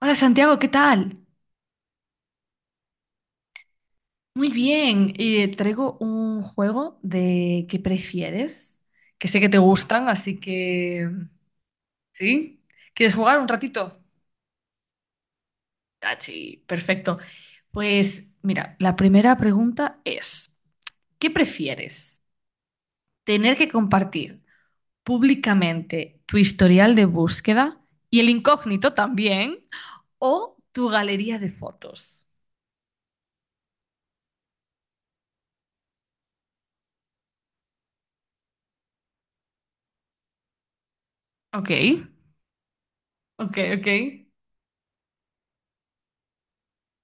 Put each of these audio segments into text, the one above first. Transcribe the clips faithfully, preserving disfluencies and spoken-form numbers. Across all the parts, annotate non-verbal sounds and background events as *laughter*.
Hola Santiago, ¿qué tal? Muy bien, y traigo un juego de ¿qué prefieres? Que sé que te gustan, así que... ¿Sí? ¿Quieres jugar un ratito? Ah, sí, perfecto. Pues mira, la primera pregunta es, ¿qué prefieres? ¿Tener que compartir públicamente tu historial de búsqueda y el incógnito también, o tu galería de fotos? Ok, ok, ok.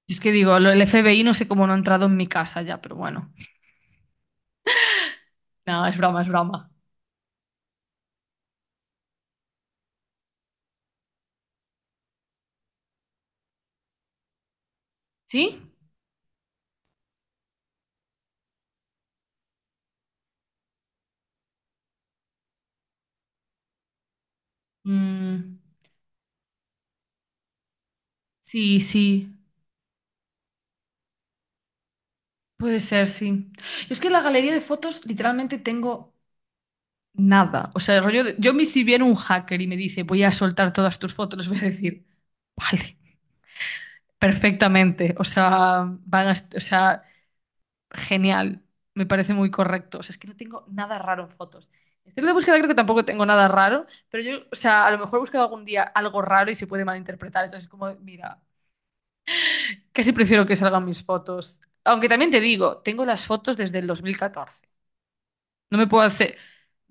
Es que digo, lo- el F B I no sé cómo no ha entrado en mi casa ya, pero bueno. Nada, es broma, es broma. ¿Sí? Mm, sí, sí. Puede ser, sí. Yo es que en la galería de fotos literalmente tengo nada. O sea, el rollo de- yo me si viene un hacker y me dice, voy a soltar todas tus fotos, les voy a decir, vale, perfectamente. O sea, van a, est- o sea, genial, me parece muy correcto. O sea, es que no tengo nada raro en fotos. En estilo de búsqueda creo que tampoco tengo nada raro, pero yo, o sea, a lo mejor he buscado algún día algo raro y se puede malinterpretar. Entonces, como, mira, casi prefiero que salgan mis fotos. Aunque también te digo, tengo las fotos desde el dos mil catorce. No me puedo hacer.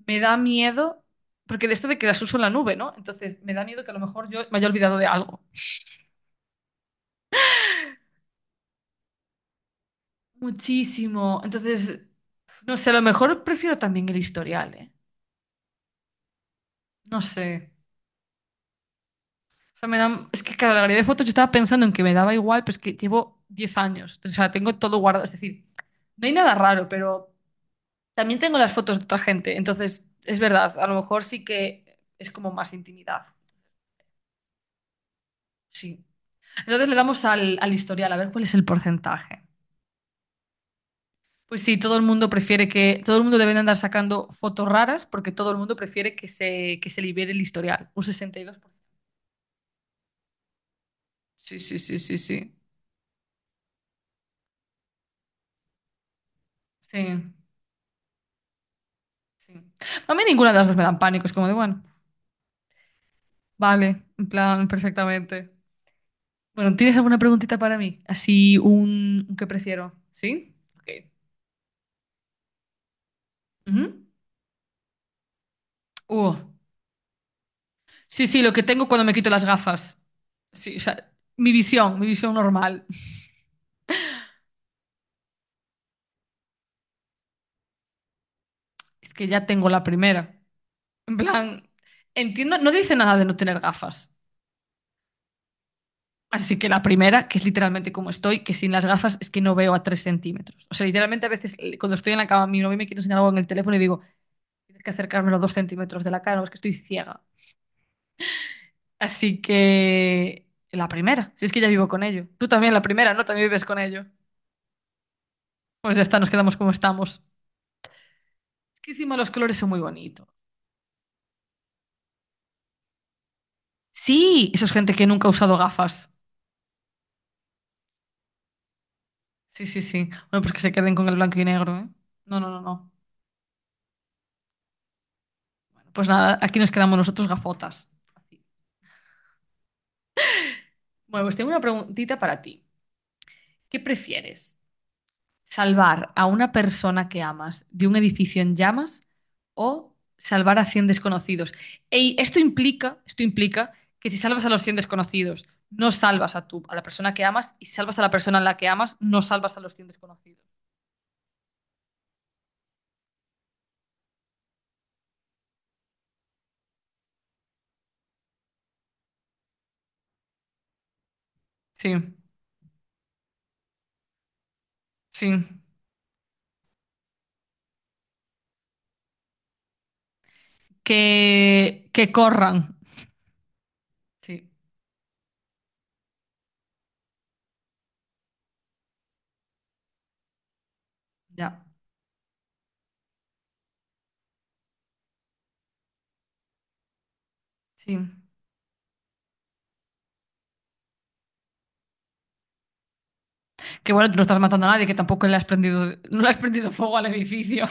Me da miedo, porque de esto de que las uso en la nube, ¿no? Entonces, me da miedo que a lo mejor yo me haya olvidado de algo. Muchísimo. Entonces, no sé, a lo mejor prefiero también el historial, ¿eh? No sé. O sea, me dan es que, claro, la galería de fotos yo estaba pensando en que me daba igual, pero es que llevo diez años. O sea, tengo todo guardado. Es decir, no hay nada raro, pero también tengo las fotos de otra gente. Entonces, es verdad, a lo mejor sí que es como más intimidad. Sí. Entonces le damos al, al historial, a ver cuál es el porcentaje. Pues sí, todo el mundo prefiere que, todo el mundo debe de andar sacando fotos raras porque todo el mundo prefiere que se, que se libere el historial. Un sesenta y dos por ciento. Sí, sí, sí, sí, sí. Sí, sí. A mí ninguna de las dos me dan pánico, es como de, bueno. Vale, en plan, perfectamente. Bueno, ¿tienes alguna preguntita para mí? Así un, un qué prefiero. ¿Sí? Ok. Ujú. Uh, Sí, sí, lo que tengo cuando me quito las gafas. Sí, o sea, mi visión, mi visión normal. Es que ya tengo la primera. En plan, entiendo, no dice nada de no tener gafas. Así que la primera, que es literalmente como estoy, que sin las gafas es que no veo a tres centímetros. O sea, literalmente a veces eh, cuando estoy en la cama, mi novio me quiere enseñar algo en el teléfono y digo, tienes que acercármelo dos centímetros de la cara, o es que estoy ciega. Así que la primera, si es que ya vivo con ello. Tú también la primera, ¿no? También vives con ello. Pues ya está, nos quedamos como estamos. Es que encima los colores son muy bonitos. Sí, eso es gente que nunca ha usado gafas. Sí, sí, sí. Bueno, pues que se queden con el blanco y negro, ¿eh? No, no, no, no. Bueno, pues nada, aquí nos quedamos nosotros gafotas. Así. Bueno, pues tengo una preguntita para ti. ¿Qué prefieres? ¿Salvar a una persona que amas de un edificio en llamas o salvar a cien desconocidos? Ey, esto implica, esto implica que si salvas a los cien desconocidos, no salvas a tú, a la persona que amas, y si salvas a la persona a la que amas, no salvas a los cien desconocidos. Sí, sí. Que, que corran. Sí, ya. Sí. Que bueno, tú no estás matando a nadie, que tampoco le has prendido, no le has prendido fuego al edificio.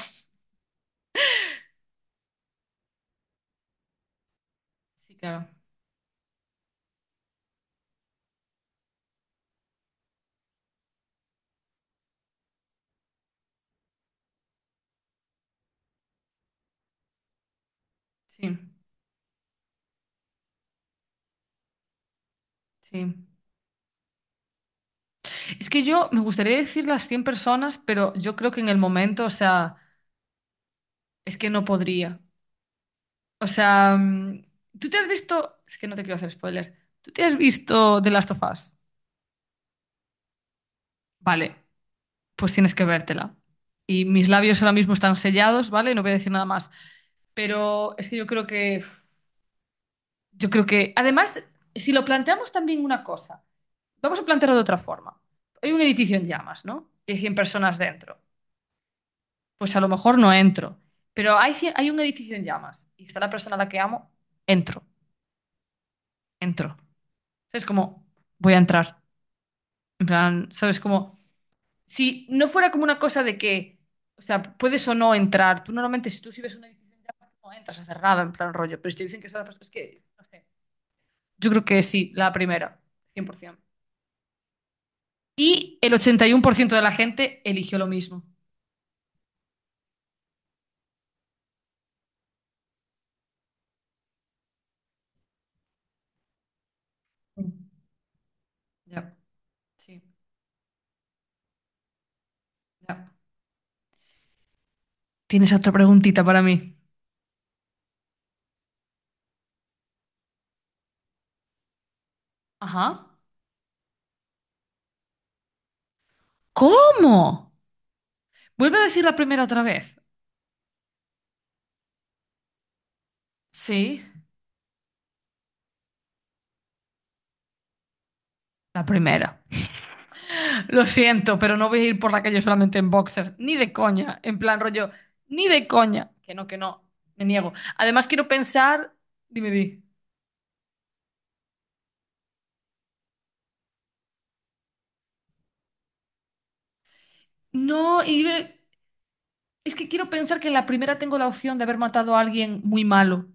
Sí, claro. Sí, sí. Es que yo me gustaría decir las cien personas, pero yo creo que en el momento, o sea, es que no podría. O sea, mm, tú te has visto, es que no te quiero hacer spoilers, tú te has visto The Last of Us, vale, pues tienes que vértela. Y mis labios ahora mismo están sellados, ¿vale? No voy a decir nada más. Pero es que yo creo que, yo creo que, además, si lo planteamos también una cosa, vamos a plantearlo de otra forma. Hay un edificio en llamas, ¿no? Y hay cien personas dentro. Pues a lo mejor no entro. Pero hay, cien- hay un edificio en llamas y está la persona a la que amo, entro, entro. Es como, voy a entrar. En plan, ¿sabes? Como, si no fuera como una cosa de que, o sea, puedes o no entrar. Tú normalmente, si tú si ves un edificio en llamas, no entras a cerrada, en plan rollo. Pero si te dicen que está la persona, es que, no sé. Yo creo que sí, la primera, cien por ciento. Y el ochenta y uno por ciento de la gente eligió lo mismo. Mm. Ya, sí, ya. ¿Tienes otra preguntita para mí? Ajá. ¿Cómo? Vuelve a decir la primera otra vez. Sí. La primera. Lo siento, pero no voy a ir por la calle solamente en boxers. Ni de coña. En plan rollo. Ni de coña. Que no, que no. Me niego. Además, quiero pensar. Dime, di. No, y es que quiero pensar que en la primera tengo la opción de haber matado a alguien muy malo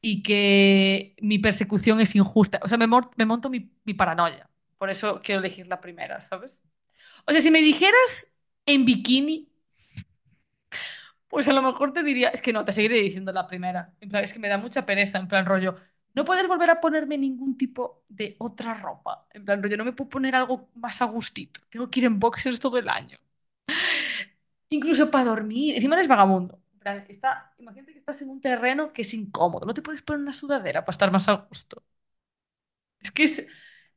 y que mi persecución es injusta. O sea, me, mor- me monto mi, mi paranoia. Por eso quiero elegir la primera, ¿sabes? O sea, si me dijeras en bikini. Pues a lo mejor te diría, es que no, te seguiré diciendo la primera. En plan, es que me da mucha pereza, en plan rollo. No poder volver a ponerme ningún tipo de otra ropa. En plan rollo, no me puedo poner algo más a gustito. Tengo que ir en boxers todo el año. Incluso para dormir. Encima eres vagabundo. En plan, está, imagínate que estás en un terreno que es incómodo. No te puedes poner una sudadera para estar más a gusto. Es que es-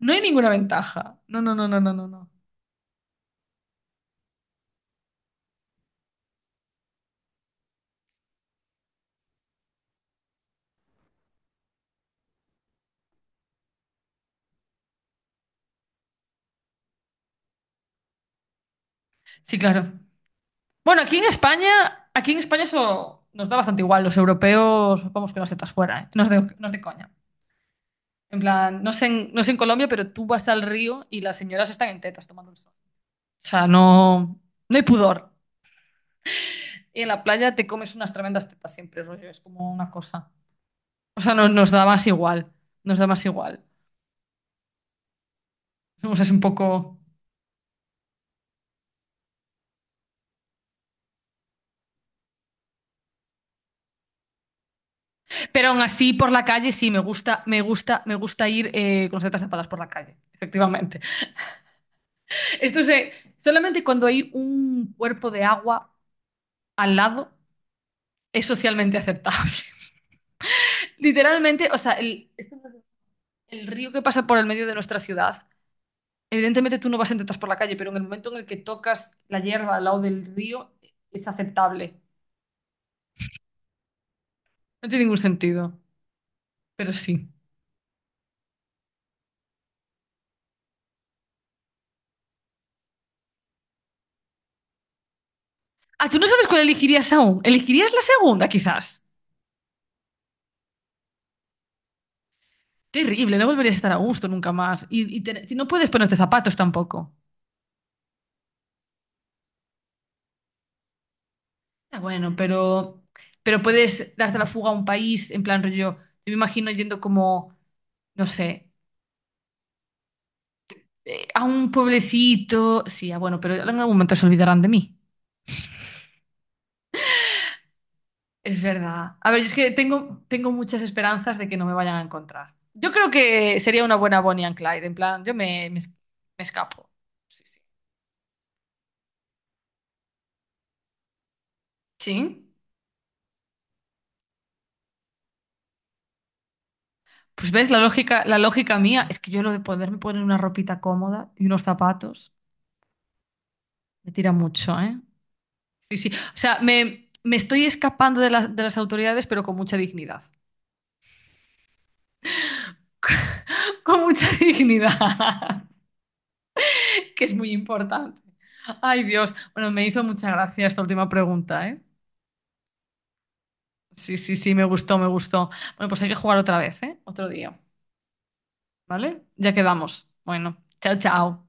no hay ninguna ventaja. No, no, no, no, no, no, no. Sí, claro. Bueno, aquí en España, aquí en España eso nos da bastante igual. Los europeos, vamos que no setas fuera, ¿eh? No es de, no es de coña. En plan, no sé en, no sé en Colombia, pero tú vas al río y las señoras están en tetas tomando el sol. O sea, no, no hay pudor. Y en la playa te comes unas tremendas tetas siempre, rollo. Es como una cosa. O sea, no- nos da más igual. Nos da más igual. O sea, es un poco. Pero aún así, por la calle sí, me gusta, me gusta, me gusta ir eh, con las tetas tapadas por la calle, efectivamente. Esto se, solamente cuando hay un cuerpo de agua al lado es socialmente aceptable. *laughs* Literalmente, o sea, el, este- el río que pasa por el medio de nuestra ciudad, evidentemente tú no vas en tetas por la calle, pero en el momento en el que tocas la hierba al lado del río es aceptable. No tiene ningún sentido, pero sí. Ah, tú no sabes cuál elegirías aún. ¿Elegirías la segunda, quizás? Terrible, no volverías a estar a gusto nunca más. Y, y te- y no puedes ponerte zapatos tampoco. Ah, bueno, pero, pero puedes darte la fuga a un país, en plan rollo, yo me imagino yendo como, no sé, eh, a un pueblecito. Sí, ah, bueno, pero en algún momento se olvidarán de mí. Es verdad. A ver, yo es que tengo, tengo muchas esperanzas de que no me vayan a encontrar. Yo creo que sería una buena Bonnie and Clyde, en plan, yo me, me, es- me escapo. Sí, sí. Sí. Pues ves, la lógica, la lógica mía es que yo lo de poderme poner una ropita cómoda y unos zapatos me tira mucho, ¿eh? Sí, sí. O sea, me, me estoy escapando de, la- de las autoridades, pero con mucha dignidad. *laughs* Con mucha dignidad, *laughs* que es muy importante. Ay, Dios. Bueno, me hizo mucha gracia esta última pregunta, ¿eh? Sí, sí, sí, me gustó, me gustó. Bueno, pues hay que jugar otra vez, ¿eh? Otro día, ¿vale? Ya quedamos. Bueno, chao, chao.